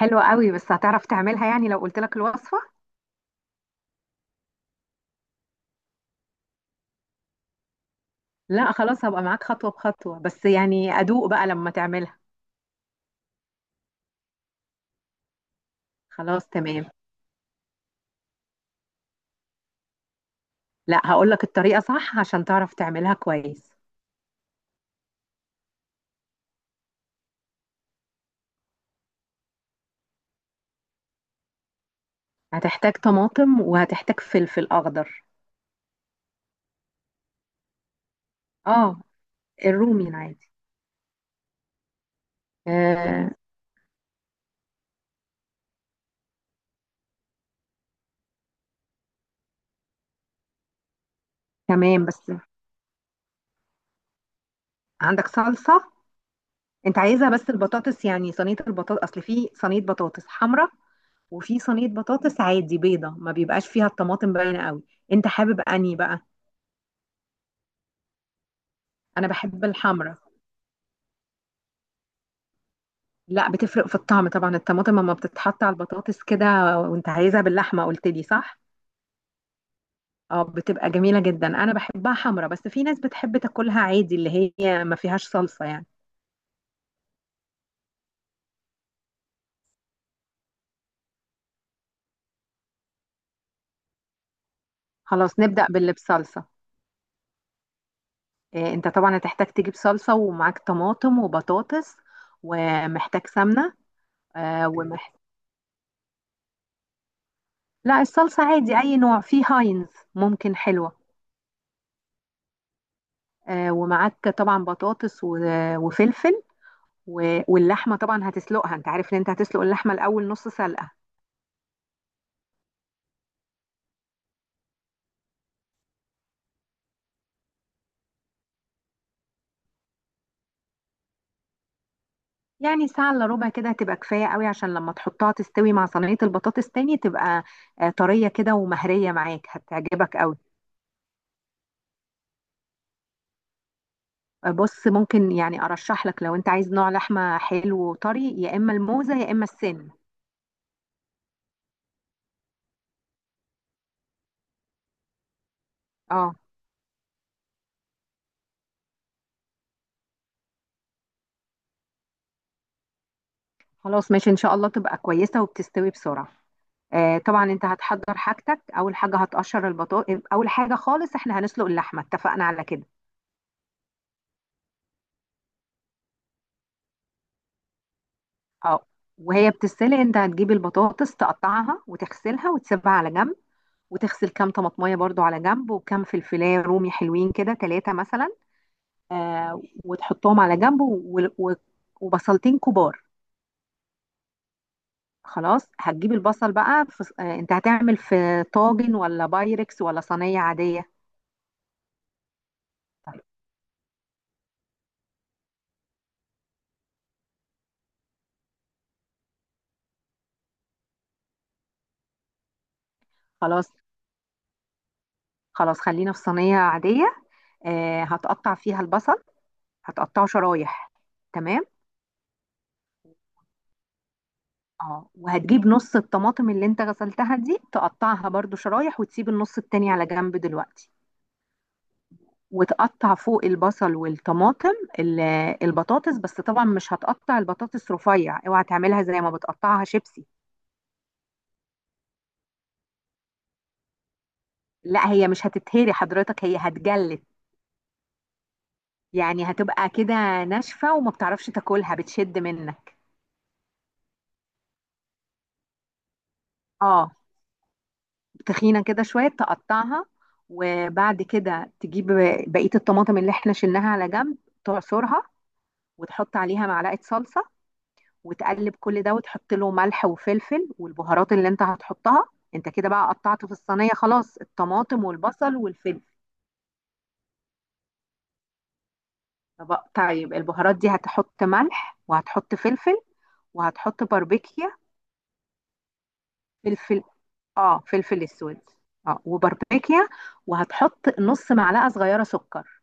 حلوة قوي، بس هتعرف تعملها يعني لو قلت لك الوصفة؟ لا، خلاص هبقى معاك خطوة بخطوة، بس يعني أدوق بقى لما تعملها. خلاص، تمام. لا، هقول لك الطريقة صح عشان تعرف تعملها كويس. هتحتاج طماطم، وهتحتاج فلفل أخضر. اه، الرومي العادي. آه، تمام، بس عندك صلصة؟ انت عايزها؟ بس البطاطس يعني صينية البطاطس، اصل في صينية بطاطس حمراء، وفي صينية بطاطس عادي بيضة ما بيبقاش فيها الطماطم باينة قوي. انت حابب انهي بقى؟ انا بحب الحمراء. لا، بتفرق في الطعم طبعا، الطماطم لما بتتحط على البطاطس كده. وانت عايزها باللحمه قلت لي، صح؟ اه، بتبقى جميله جدا، انا بحبها حمرا، بس في ناس بتحب تاكلها عادي اللي هي ما فيهاش صلصه يعني. خلاص، نبدا باللي بصلصه. إيه، انت طبعا هتحتاج تجيب صلصه، ومعاك طماطم وبطاطس. ومحتاج سمنه. آه ومح... لا، الصلصه عادي، اي نوع، في هاينز. ممكن حلوه. ومعاك طبعا بطاطس وفلفل واللحمه طبعا هتسلقها، انت عارف ان انت هتسلق اللحمه الاول نص سلقه. يعني ساعة إلا ربع كده هتبقى كفاية قوي، عشان لما تحطها تستوي مع صينية البطاطس تاني تبقى طرية كده ومهرية، معاك هتعجبك قوي. آه، بص ممكن يعني أرشح لك لو أنت عايز نوع لحمة حلو وطري، يا إما الموزة يا إما السن. اه، خلاص، ماشي، إن شاء الله تبقى كويسة وبتستوي بسرعة. آه، طبعا أنت هتحضر حاجتك، أول حاجة هتقشر البطاطس، أول حاجة خالص. إحنا هنسلق اللحمة اتفقنا على كده. اه، وهي بتتسلق أنت هتجيب البطاطس تقطعها وتغسلها وتسيبها على جنب. وتغسل كام طماطمية برضو على جنب، وكام فلفلاية رومي حلوين كده ثلاثة مثلا. وتحطهم على جنب وبصلتين كبار. خلاص، هتجيب البصل بقى في انت هتعمل في طاجن ولا بايركس ولا صينية عادية؟ طيب. خلاص خلاص خلينا في صينية عادية. آه، هتقطع فيها البصل. هتقطعه شرايح. تمام. اه، وهتجيب نص الطماطم اللي انت غسلتها دي تقطعها برضو شرايح، وتسيب النص التاني على جنب دلوقتي. وتقطع فوق البصل والطماطم ال- البطاطس، بس طبعا مش هتقطع البطاطس رفيع، اوعى تعملها زي ما بتقطعها شيبسي. لا، هي مش هتتهري حضرتك، هي هتجلد. يعني هتبقى كده ناشفة وما بتعرفش تاكلها بتشد منك. اه، تخينة كده شوية تقطعها. وبعد كده تجيب بقية الطماطم اللي احنا شلناها على جنب، تعصرها، وتحط عليها معلقة صلصة. وتقلب كل ده وتحط له ملح وفلفل والبهارات اللي انت هتحطها. انت كده بقى قطعت في الصينية خلاص الطماطم والبصل والفلفل. طيب البهارات دي هتحط ملح، وهتحط فلفل، وهتحط باربيكيا. فلفل، اه فلفل اسود، اه. وباربيكيا. وهتحط نص معلقة صغيرة سكر.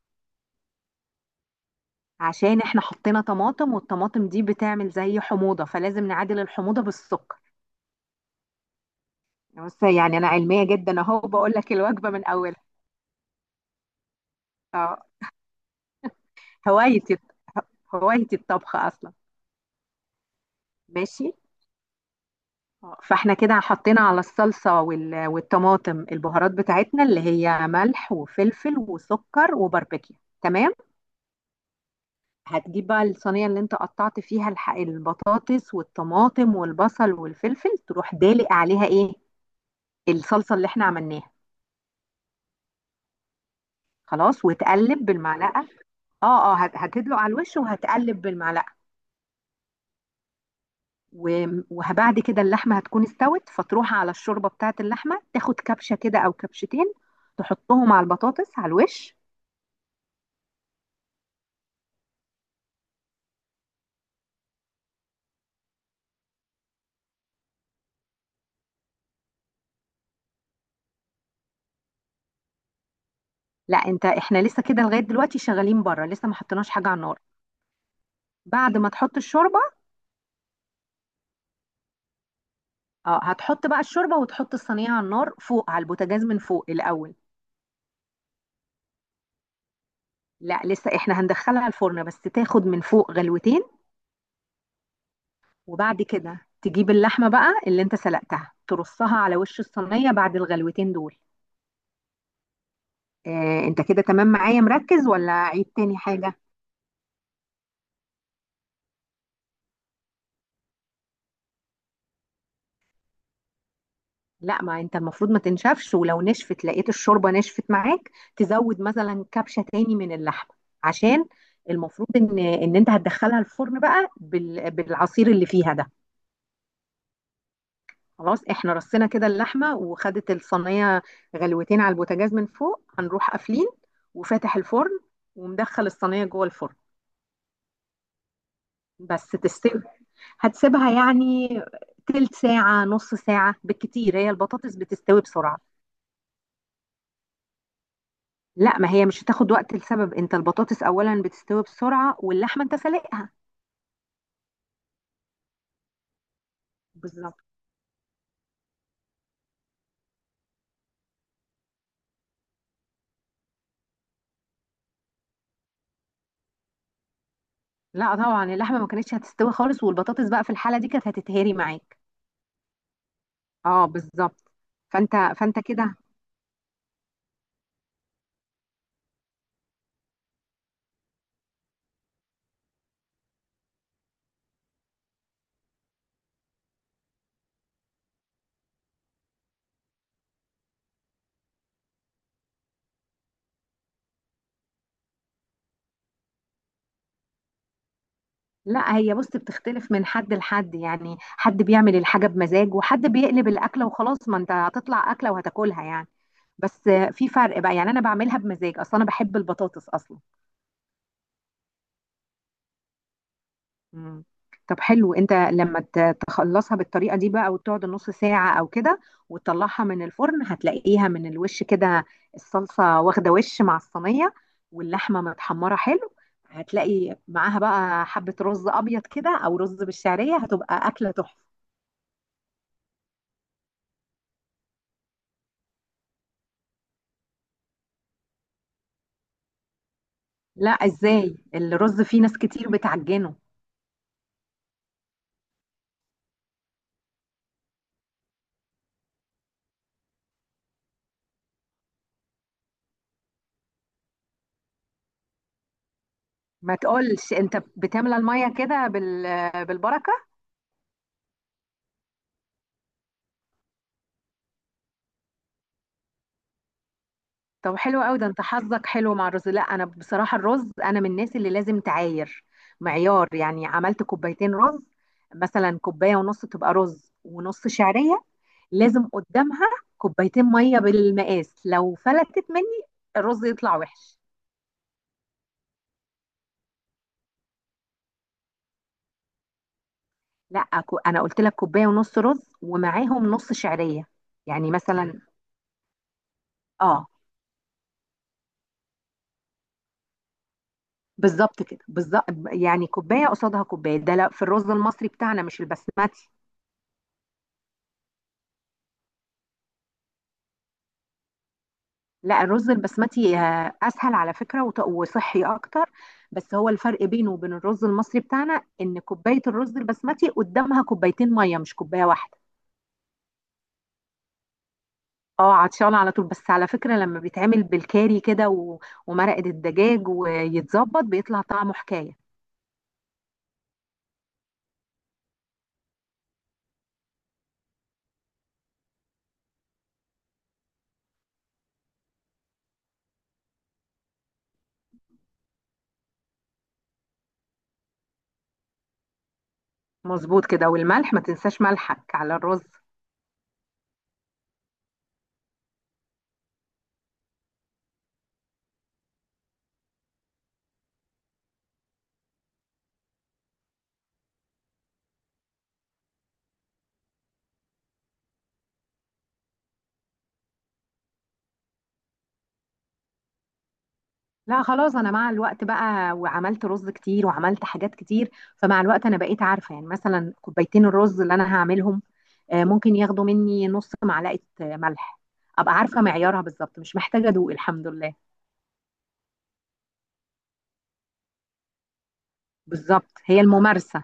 عشان احنا حطينا طماطم، والطماطم دي بتعمل زي حموضة، فلازم نعادل الحموضة بالسكر. بس يعني انا علمية جدا اهو، بقول لك الوجبة من اولها. اه، هوايتي هوايتي الطبخ اصلا. ماشي. فاحنا كده حطينا على الصلصة والطماطم البهارات بتاعتنا اللي هي ملح وفلفل وسكر وباربيكيا. تمام. هتجيب بقى الصينية اللي انت قطعت فيها البطاطس والطماطم والبصل والفلفل، تروح دالق عليها ايه؟ الصلصة اللي احنا عملناها. خلاص، وتقلب بالمعلقة. اه، اه، هتدلق على الوش، وهتقلب بالمعلقة. وبعد كده اللحمة هتكون استوت، فتروح على الشوربة بتاعة اللحمة، تاخد كبشة كده أو كبشتين تحطهم على البطاطس على الوش. لا، انت احنا لسه كده لغاية دلوقتي شغالين بره، لسه ما حطيناش حاجة على النار. بعد ما تحط الشوربة. اه، هتحط بقى الشوربة، وتحط الصينية على النار فوق على البوتاجاز من فوق الأول. لا، لسه احنا هندخلها الفرن، بس تاخد من فوق غلوتين. وبعد كده تجيب اللحمة بقى اللي انت سلقتها، ترصها على وش الصينية بعد الغلوتين دول. آه، انت كده تمام معايا مركز ولا عيد تاني حاجة؟ لا، ما انت المفروض ما تنشفش، ولو نشفت لقيت الشوربة نشفت معاك تزود مثلا كبشة تاني من اللحمة. عشان المفروض ان انت هتدخلها الفرن بقى بالعصير اللي فيها ده. خلاص احنا رصينا كده اللحمة، وخدت الصينية غلوتين على البوتاجاز من فوق، هنروح قافلين وفاتح الفرن، ومدخل الصينية جوه الفرن. بس تستوي. هتسيبها يعني تلت ساعة نص ساعة بالكتير، هي البطاطس بتستوي بسرعة. لا، ما هي مش هتاخد وقت لسبب انت البطاطس اولا بتستوي بسرعة، واللحمة انت سلقها. بالظبط. لا، طبعا اللحمة ما كانتش هتستوي خالص، والبطاطس بقى في الحالة دي كانت هتتهري معاك. اه، بالظبط. فانت فانت كده. لا، هي بص بتختلف من حد لحد، يعني حد بيعمل الحاجة بمزاج وحد بيقلب الأكلة وخلاص، ما انت هتطلع أكلة وهتاكلها يعني. بس في فرق بقى، يعني أنا بعملها بمزاج أصلا، أنا بحب البطاطس أصلا. مم. طب حلو، انت لما تخلصها بالطريقة دي بقى وتقعد نص ساعة أو كده وتطلعها من الفرن، هتلاقيها من الوش كده الصلصة واخدة وش مع الصينية، واللحمة متحمرة حلو. هتلاقي معاها بقى حبة رز أبيض كده أو رز بالشعرية، هتبقى أكلة تحفة. لا، ازاي الرز فيه ناس كتير بتعجنه؟ ما تقولش انت بتملى الميه كده بالبركه. طب حلو قوي، ده انت حظك حلو مع الرز. لا، انا بصراحه الرز انا من الناس اللي لازم تعاير، معيار، يعني عملت كوبايتين رز مثلا كوبايه ونص تبقى رز ونص شعريه، لازم قدامها كوبايتين ميه بالمقاس، لو فلتت مني الرز يطلع وحش. لا، انا قلت لك كوبايه ونص رز ومعاهم نص شعريه. يعني مثلا. اه، بالظبط كده بالظبط. يعني كوبايه قصادها كوبايه، ده لا في الرز المصري بتاعنا مش البسمتي. لا، الرز البسمتي اسهل على فكره وصحي اكتر. بس هو الفرق بينه وبين الرز المصري بتاعنا ان كوبايه الرز البسمتي قدامها كوبايتين ميه مش كوبايه واحده. اه، عطشانه على طول، بس على فكره لما بيتعمل بالكاري كده ومرقه الدجاج ويتظبط بيطلع طعمه حكايه. مظبوط كده، والملح ما تنساش ملحك على الرز. لا، خلاص، انا مع الوقت بقى وعملت رز كتير وعملت حاجات كتير، فمع الوقت انا بقيت عارفه يعني مثلا كوبايتين الرز اللي انا هعملهم ممكن ياخدوا مني نص معلقه ملح. ابقى عارفه معيارها بالظبط، مش محتاجه ادوق الحمد لله. بالظبط، هي الممارسه.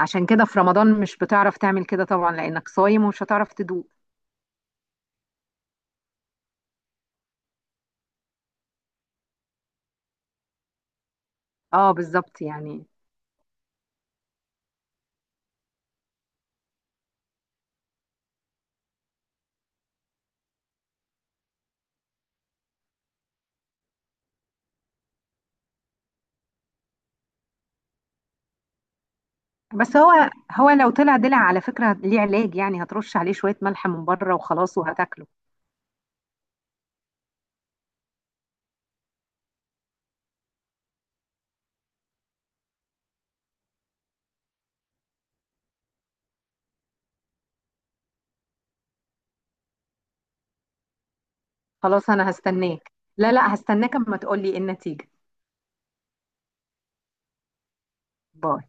عشان كده في رمضان مش بتعرف تعمل كده طبعا، لانك صايم ومش هتعرف تدوق. اه، بالظبط يعني. بس هو هو لو طلع دلع على فكره ليه علاج، يعني هترش عليه شويه ملح من بره وخلاص وهتاكله. خلاص، انا هستناك، لا لا، هستناك اما تقولي ايه النتيجه. باي.